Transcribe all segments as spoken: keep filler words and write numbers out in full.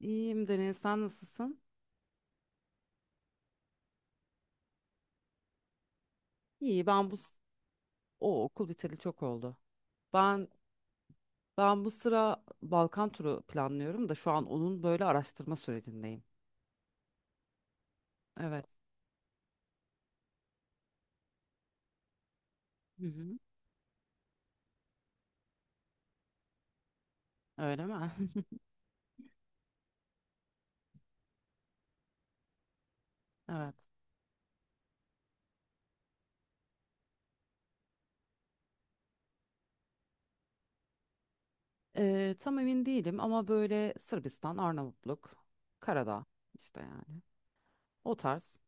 İyiyim Deniz, sen nasılsın? İyi, ben bu s- o okul biteli çok oldu. Ben ben bu sıra Balkan turu planlıyorum da şu an onun böyle araştırma sürecindeyim. Evet. Hı hı. Öyle mi? Evet. Ee, tam emin değilim ama böyle Sırbistan, Arnavutluk, Karadağ işte yani. O tarz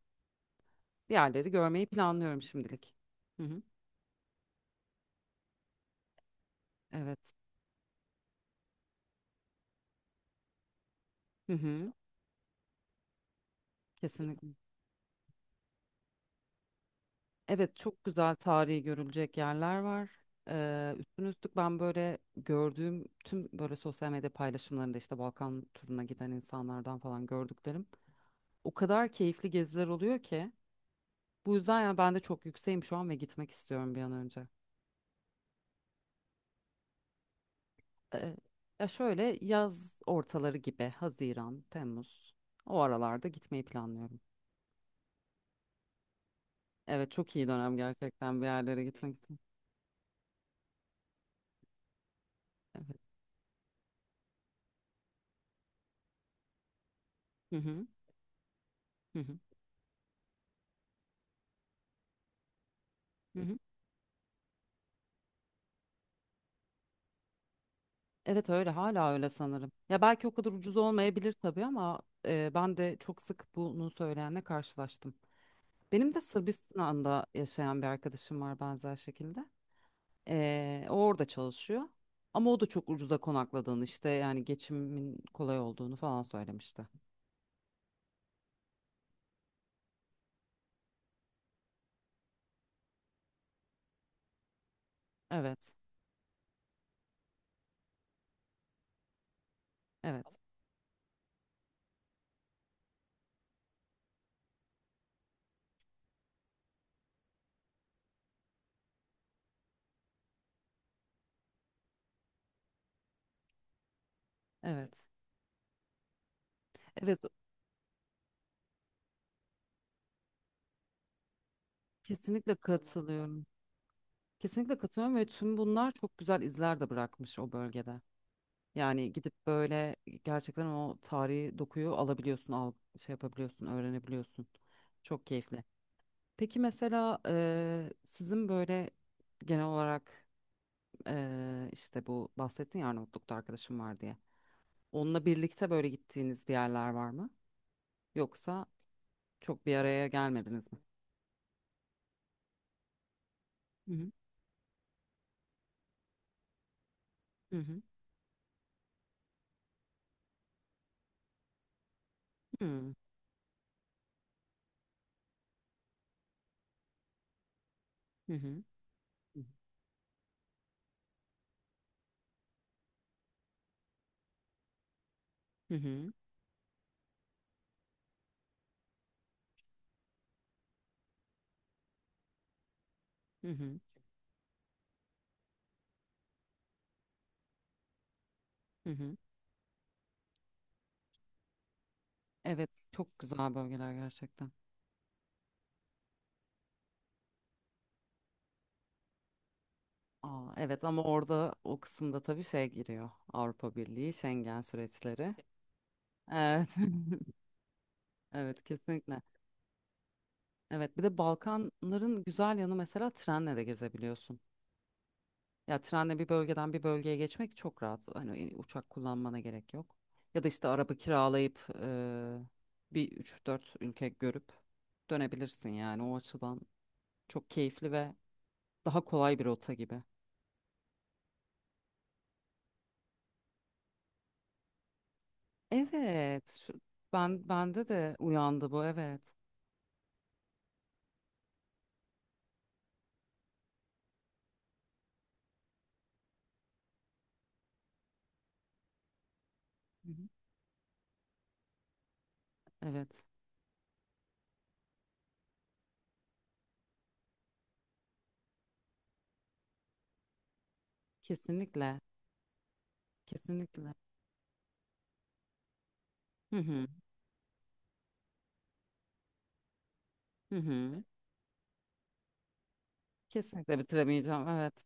yerleri görmeyi planlıyorum şimdilik. Hı hı. Evet. Hı hı. Kesinlikle. Evet, çok güzel tarihi görülecek yerler var. Ee, üstüne üstlük ben böyle gördüğüm tüm böyle sosyal medya paylaşımlarında işte Balkan turuna giden insanlardan falan gördüklerim. O kadar keyifli geziler oluyor ki. Bu yüzden ya ben de çok yükseğim şu an ve gitmek istiyorum bir an önce. Ee, Ya şöyle yaz ortaları gibi Haziran, Temmuz o aralarda gitmeyi planlıyorum. Evet, çok iyi dönem gerçekten bir yerlere gitmek için. Evet. Hı hı. Hı hı. Hı hı. Evet öyle, hala öyle sanırım. Ya belki o kadar ucuz olmayabilir tabii ama e, ben de çok sık bunu söyleyenle karşılaştım. Benim de Sırbistan'da yaşayan bir arkadaşım var benzer şekilde. E, o orada çalışıyor. Ama o da çok ucuza konakladığını işte yani geçimin kolay olduğunu falan söylemişti. Evet, evet, evet. Evet, kesinlikle katılıyorum. Kesinlikle katılıyorum ve tüm bunlar çok güzel izler de bırakmış o bölgede. Yani gidip böyle gerçekten o tarihi dokuyu alabiliyorsun, al, şey yapabiliyorsun, öğrenebiliyorsun. Çok keyifli. Peki mesela eee, sizin böyle genel olarak eee, işte bu bahsettin ya, Arnavutluk'ta arkadaşım var diye. Onunla birlikte böyle gittiğiniz bir yerler var mı? Yoksa çok bir araya gelmediniz mi? Hı hı, hı hı, hı hı, hı hı, hı hı, hı. Hı. Hı. Evet, çok güzel bölgeler gerçekten. Aa, evet ama orada o kısımda tabii şey giriyor. Avrupa Birliği, Schengen süreçleri. Evet. Evet, kesinlikle. Evet, bir de Balkanların güzel yanı, mesela trenle de gezebiliyorsun. Ya trenle bir bölgeden bir bölgeye geçmek çok rahat. Hani e, uçak kullanmana gerek yok. Ya da işte araba kiralayıp eee, bir üç dört ülke görüp dönebilirsin yani, o açıdan çok keyifli ve daha kolay bir rota gibi. Evet şu- Ben bende de uyandı bu, evet. Evet. Kesinlikle. Kesinlikle. Hı hı. Hı hı. Kesinlikle bitiremeyeceğim. Evet.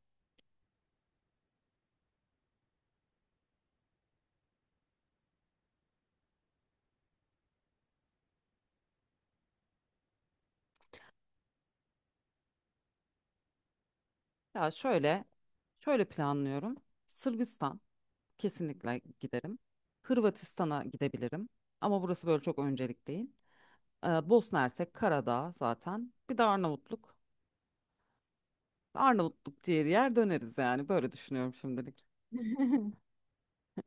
Ya şöyle Şöyle planlıyorum. Sırbistan kesinlikle giderim. Hırvatistan'a gidebilirim. Ama burası böyle çok öncelik değil. Ee, Bosna Hersek, Karadağ zaten. Bir de Arnavutluk. Arnavutluk ciğeri yer döneriz yani. Böyle düşünüyorum şimdilik.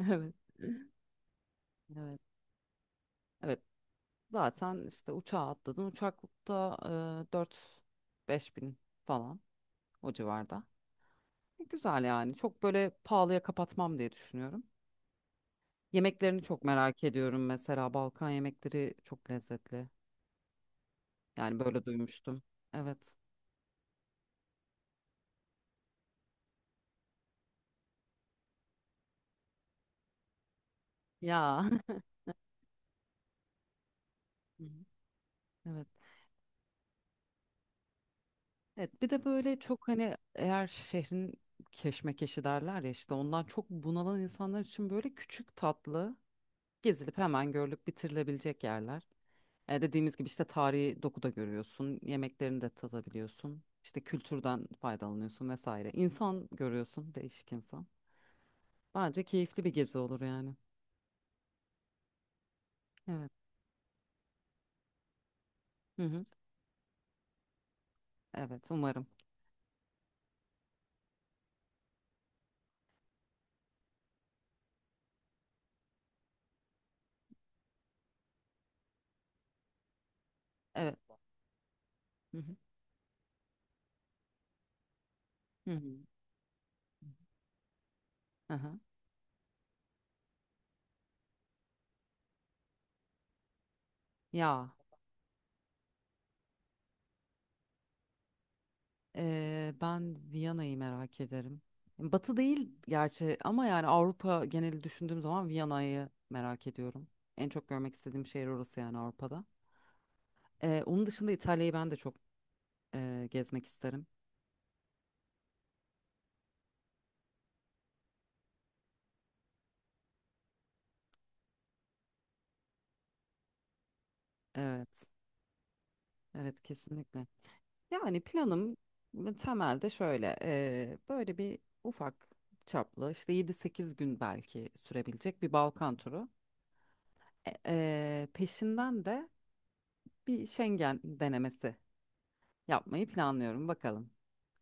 Evet. Evet. Evet. Zaten işte uçağa atladın. Uçaklıkta e, dört beş bin falan. O civarda. E, Güzel yani. Çok böyle pahalıya kapatmam diye düşünüyorum. Yemeklerini çok merak ediyorum. Mesela Balkan yemekleri çok lezzetli. Yani böyle duymuştum. Evet. Ya. Hı hı. Evet. Evet. Bir de böyle çok hani, eğer şehrin keşmekeşi derler ya, işte ondan çok bunalan insanlar için böyle küçük tatlı gezilip hemen görülüp bitirilebilecek yerler. E, dediğimiz gibi işte tarihi doku da görüyorsun, yemeklerini de tadabiliyorsun, işte kültürden faydalanıyorsun vesaire. İnsan görüyorsun, değişik insan. Bence keyifli bir gezi olur yani. Evet. Hı hı. Evet, umarım. Evet. Hı hı. Hı hı. Hı. Ya e, ben Viyana'yı merak ederim. Batı değil gerçi ama yani Avrupa geneli düşündüğüm zaman Viyana'yı merak ediyorum. En çok görmek istediğim şehir orası yani Avrupa'da. Ee, onun dışında İtalya'yı ben de çok e, gezmek isterim. Evet, evet kesinlikle. Yani planım temelde şöyle, e, böyle bir ufak çaplı işte yedi sekiz gün belki sürebilecek bir Balkan turu. E, e, peşinden de bir Schengen denemesi yapmayı planlıyorum, bakalım.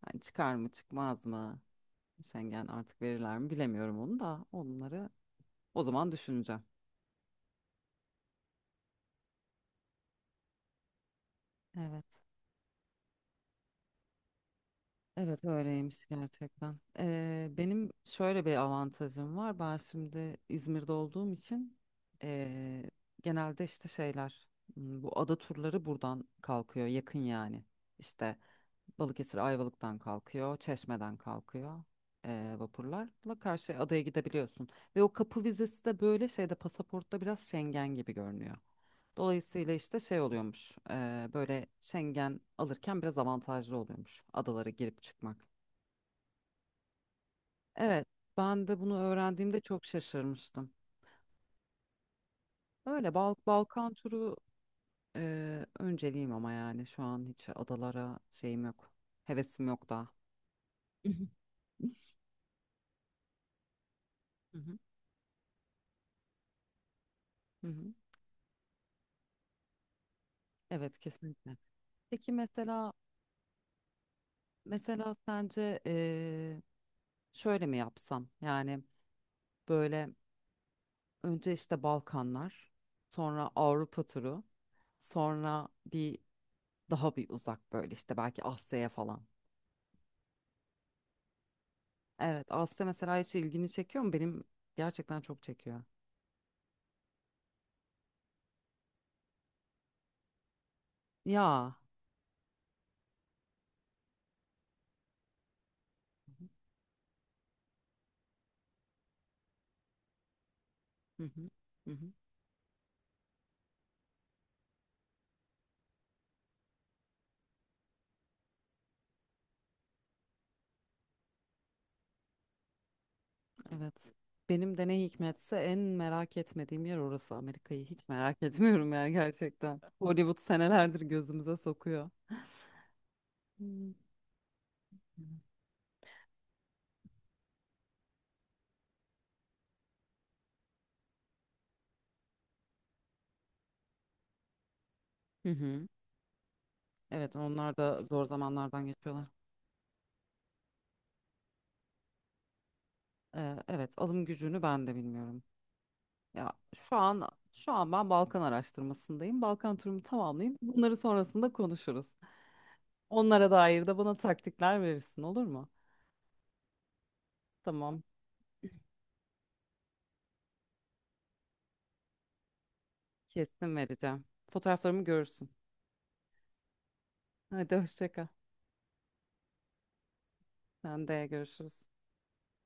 Hani çıkar mı çıkmaz mı? Schengen artık verirler mi bilemiyorum, onu da onları o zaman düşüneceğim. Evet. Evet öyleymiş gerçekten. Ee, benim şöyle bir avantajım var. Ben şimdi İzmir'de olduğum için ee, genelde işte şeyler m, bu ada turları buradan kalkıyor, yakın yani. İşte Balıkesir Ayvalık'tan kalkıyor, Çeşme'den kalkıyor, ee, vapurlarla karşı adaya gidebiliyorsun. Ve o kapı vizesi de böyle şeyde, pasaportta biraz Schengen gibi görünüyor. Dolayısıyla işte şey oluyormuş, ee, böyle Schengen alırken biraz avantajlı oluyormuş adalara girip çıkmak. Evet, ben de bunu öğrendiğimde çok şaşırmıştım. Öyle Bal Balkan turu e, önceliğim ama yani şu an hiç adalara şeyim yok. Hevesim yok daha. Hı hı, hı hı. Hı hı. Evet, kesinlikle. Peki mesela mesela sence, eee, şöyle mi yapsam? Yani böyle önce işte Balkanlar, sonra Avrupa turu, sonra bir daha bir uzak böyle işte belki Asya'ya falan. Evet, Asya mesela hiç ilgini çekiyor mu? Benim gerçekten çok çekiyor. Ya. Hı hı. Hı hı. Evet. Benim de ne hikmetse en merak etmediğim yer orası. Amerika'yı hiç merak etmiyorum yani gerçekten. Hollywood senelerdir gözümüze sokuyor. Hmm. Hı hı. Evet, onlar da zor zamanlardan geçiyorlar. Ee, evet, alım gücünü ben de bilmiyorum. Ya şu an şu an ben Balkan araştırmasındayım. Balkan turumu tamamlayayım. Bunları sonrasında konuşuruz. Onlara dair de bana taktikler verirsin, olur mu? Tamam. Kesin vereceğim. Fotoğraflarımı görürsün. Hadi, hoşça kal. Sen de görüşürüz.